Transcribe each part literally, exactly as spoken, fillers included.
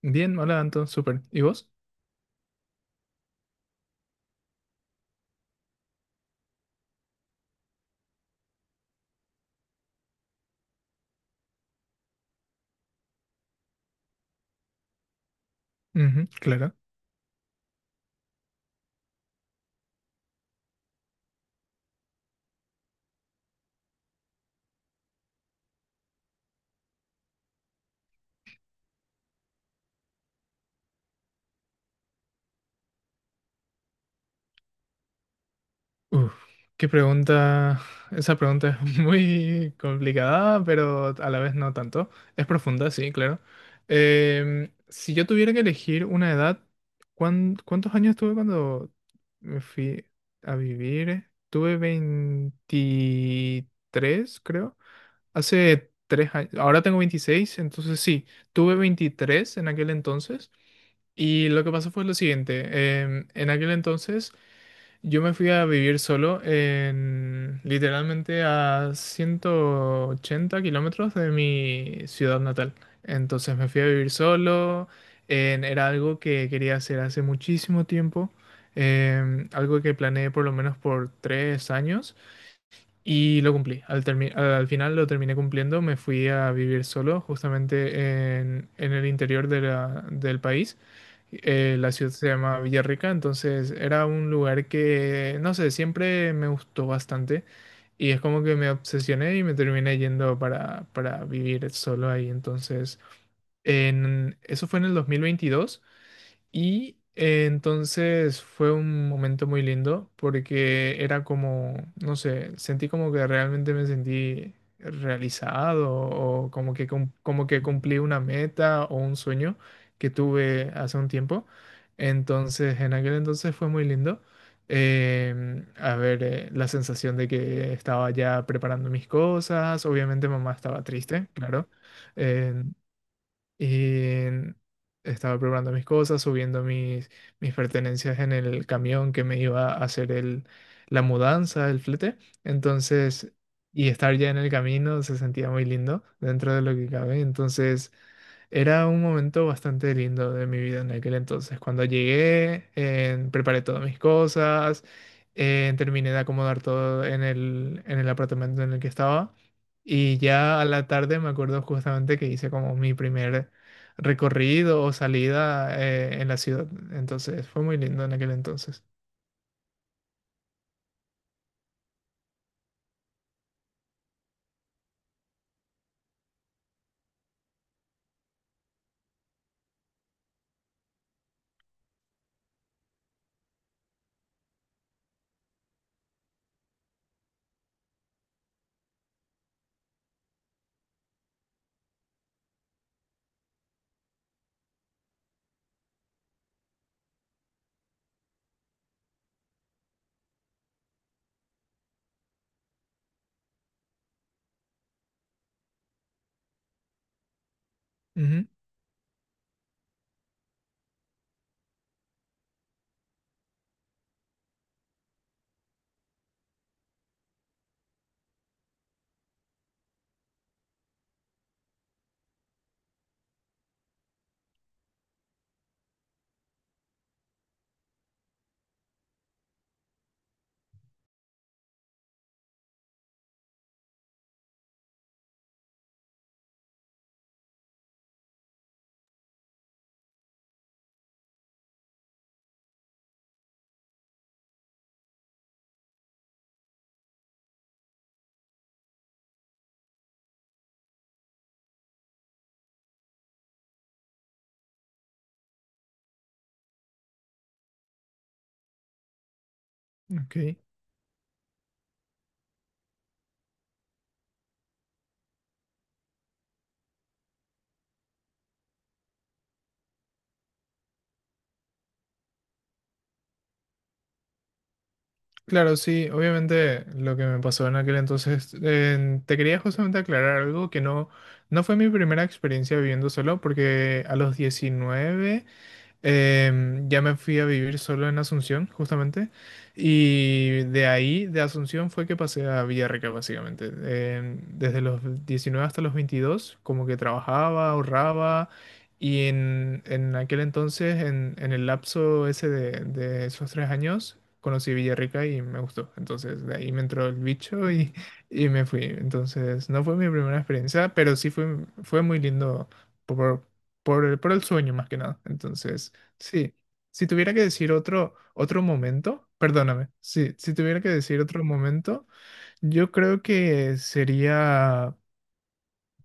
Bien, hola Anton, súper. ¿Y vos? Ujú, claro. Uf, qué pregunta. Esa pregunta es muy complicada, pero a la vez no tanto. Es profunda, sí, claro. Em, si yo tuviera que elegir una edad, ¿cuán- ¿cuántos años tuve cuando me fui a vivir? Tuve veintitrés, creo. Hace tres años. Ahora tengo veintiséis, entonces sí, tuve veintitrés en aquel entonces. Y lo que pasó fue lo siguiente, em, en aquel entonces yo me fui a vivir solo, en literalmente a ciento ochenta kilómetros de mi ciudad natal. Entonces me fui a vivir solo, en- era algo que quería hacer hace muchísimo tiempo, em, algo que planeé por lo menos por tres años y lo cumplí. Al, termi- al final lo terminé cumpliendo, me fui a vivir solo justamente en, en el interior de la- del país. Eh, la ciudad se llama Villarrica, entonces era un lugar que, no sé, siempre me gustó bastante y es como que me obsesioné y me terminé yendo para, para vivir solo ahí. Entonces, en, eso fue en el dos mil veintidós y eh, entonces fue un momento muy lindo porque era como, no sé, sentí como que realmente me sentí realizado o como que, cum- como que cumplí una meta o un sueño que tuve hace un tiempo. Entonces, en aquel entonces fue muy lindo. Em, a ver, eh, la sensación de que estaba ya preparando mis cosas. Obviamente mamá estaba triste, claro. Y estaba preparando mis cosas, subiendo mis, mis pertenencias en el camión que me iba a hacer el, la mudanza, el flete. Entonces, y estar ya en el camino se sentía muy lindo dentro de lo que cabe. Entonces, era un momento bastante lindo de mi vida en aquel entonces. Cuando llegué, eh, preparé todas mis cosas. Eh, terminé de acomodar todo en el, en el apartamento en el que estaba. Y ya a la tarde me acuerdo justamente que hice como mi primer recorrido o salida eh, en la ciudad. Entonces fue muy lindo en aquel entonces. Ujú, ok. Claro, sí, obviamente lo que me pasó en aquel entonces, eh, te quería justamente aclarar algo que no, no fue mi primera experiencia viviendo solo, porque a los diecinueve. Em, ya me fui a vivir solo en Asunción, justamente. Y de ahí, de Asunción, fue que pasé a Villarrica, básicamente. Em, desde los diecinueve hasta los veintidós como que trabajaba, ahorraba. Y en, en aquel entonces, en, en el lapso ese de, de esos tres años, conocí Villarrica y me gustó. Entonces, de ahí me entró el bicho y, y me fui. Entonces, no fue mi primera experiencia, pero sí fue, fue muy lindo por, por el, por el sueño más que nada. Entonces, sí, si tuviera que decir otro, otro momento, perdóname, sí, si tuviera que decir otro momento, yo creo que sería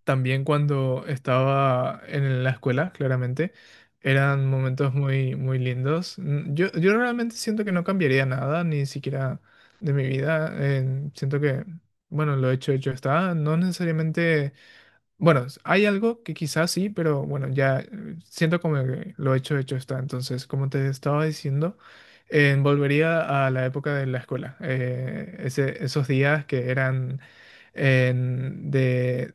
también cuando estaba en la escuela, claramente. Eran momentos muy, muy lindos. Mm, Yo, yo realmente siento que no cambiaría nada, ni siquiera de mi vida. Eh, siento que, bueno, lo hecho, hecho está. No necesariamente, bueno, s- hay algo que quizás sí, pero bueno, ya eh, siento como que lo hecho, hecho está. Entonces, como te estaba diciendo, eh, volvería a la época de la escuela. Eh, ese- esos días que eran, en- de,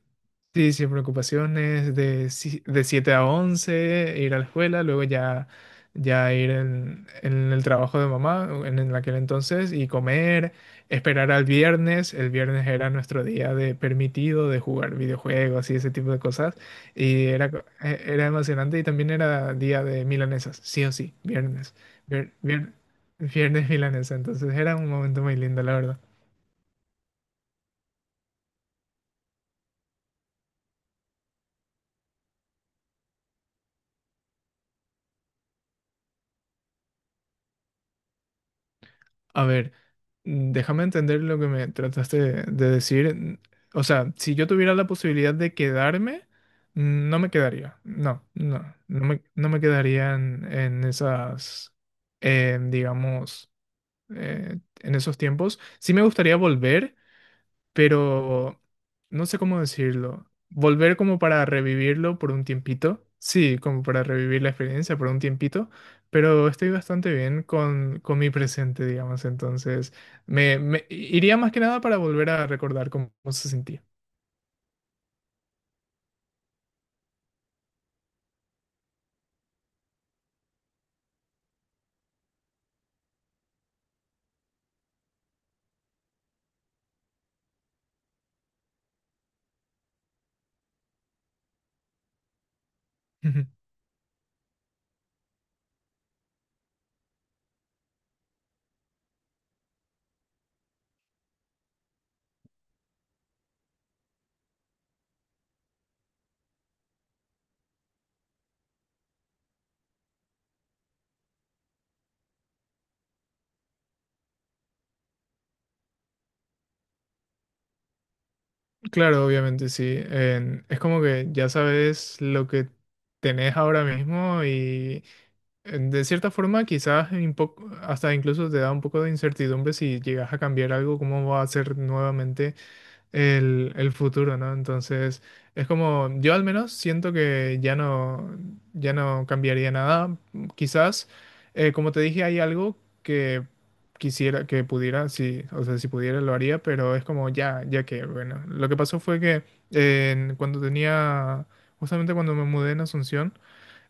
sí, sin preocupaciones, de, si- de siete a once ir a la escuela, luego ya, ya ir en, en el trabajo de mamá en, en aquel entonces y comer, esperar al viernes. El viernes era nuestro día de permitido de jugar videojuegos y ese tipo de cosas. Y era, co- e- era emocionante y también era día de milanesas, sí o sí, viernes. vier- vier- viernes milanesa, entonces era un momento muy lindo, la verdad. A ver. Mm, Déjame entender lo que me trataste de, de decir. Mm, O sea, si yo tuviera la posibilidad de quedarme, mm, no me quedaría. No, no, no me, no me quedaría en, en esas, eh, digamos, eh, en esos tiempos. Sí me gustaría volver, pero no sé cómo decirlo. Volver como para revivirlo por un tiempito. Sí, como para revivir la experiencia por un tiempito, pero estoy bastante bien con, con mi presente, digamos. Entonces, me, me iría más que nada para volver a recordar cómo, cómo se sentía. Claro, obviamente sí. En- es como que ya sabes lo que tenés ahora mismo y, en- de cierta forma, quizás un poco, hasta incluso te da un poco de incertidumbre si llegas a cambiar algo, cómo va a ser nuevamente el, el futuro, ¿no? Entonces, es como, yo al menos siento que ya no, ya no cambiaría nada. mm, Quizás, eh, como te dije, hay algo que quisiera, que pudiera, sí, o sea, si pudiera lo haría, pero es como, ya, ya que, bueno, lo que pasó fue que en- cuando tenía, justamente cuando me mudé en Asunción,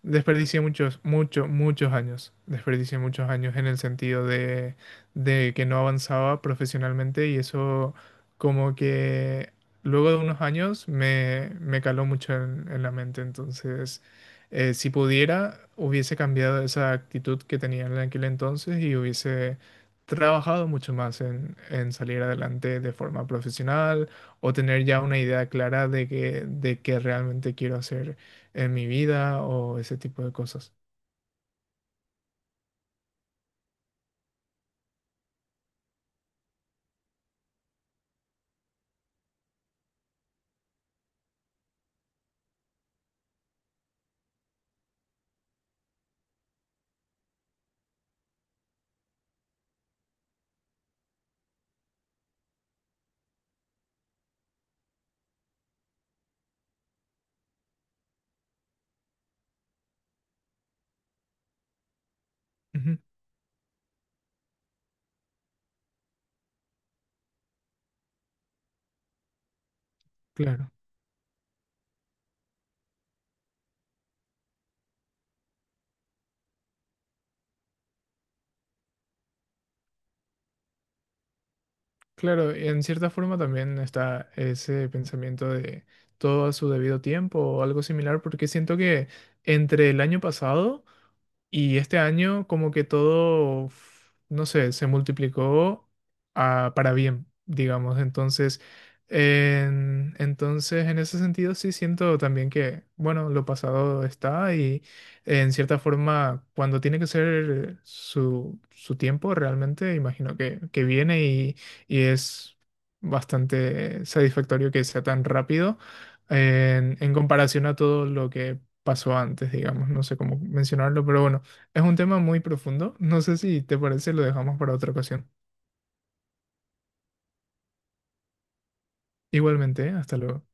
desperdicié muchos, muchos, muchos años. Desperdicié muchos años en el sentido de, de que no avanzaba profesionalmente y eso como que luego de unos años me, me caló mucho en, en la mente. Entonces, eh, si pudiera, hubiese cambiado esa actitud que tenía en aquel entonces y hubiese trabajado mucho más en, en salir adelante de forma profesional, o tener ya una idea clara de que, de qué realmente quiero hacer en mi vida o ese tipo de cosas. Ujú, claro, claro, y en cierta forma también está ese pensamiento de todo a su debido tiempo o algo similar, porque siento que entre el año pasado y este año como que todo, f- no sé, se multiplicó, a- para bien, digamos. Entonces, en, entonces, en ese sentido sí siento también que, bueno, lo pasado está y en cierta forma, cuando tiene que ser su, su tiempo, realmente imagino que, que viene y, y es bastante satisfactorio que sea tan rápido en, en comparación a todo lo que pasó antes, digamos. No sé cómo mencionarlo, pero bueno. Es un tema muy profundo. No sé si te parece, lo dejamos para otra ocasión. Igualmente, ¿eh? Hasta luego.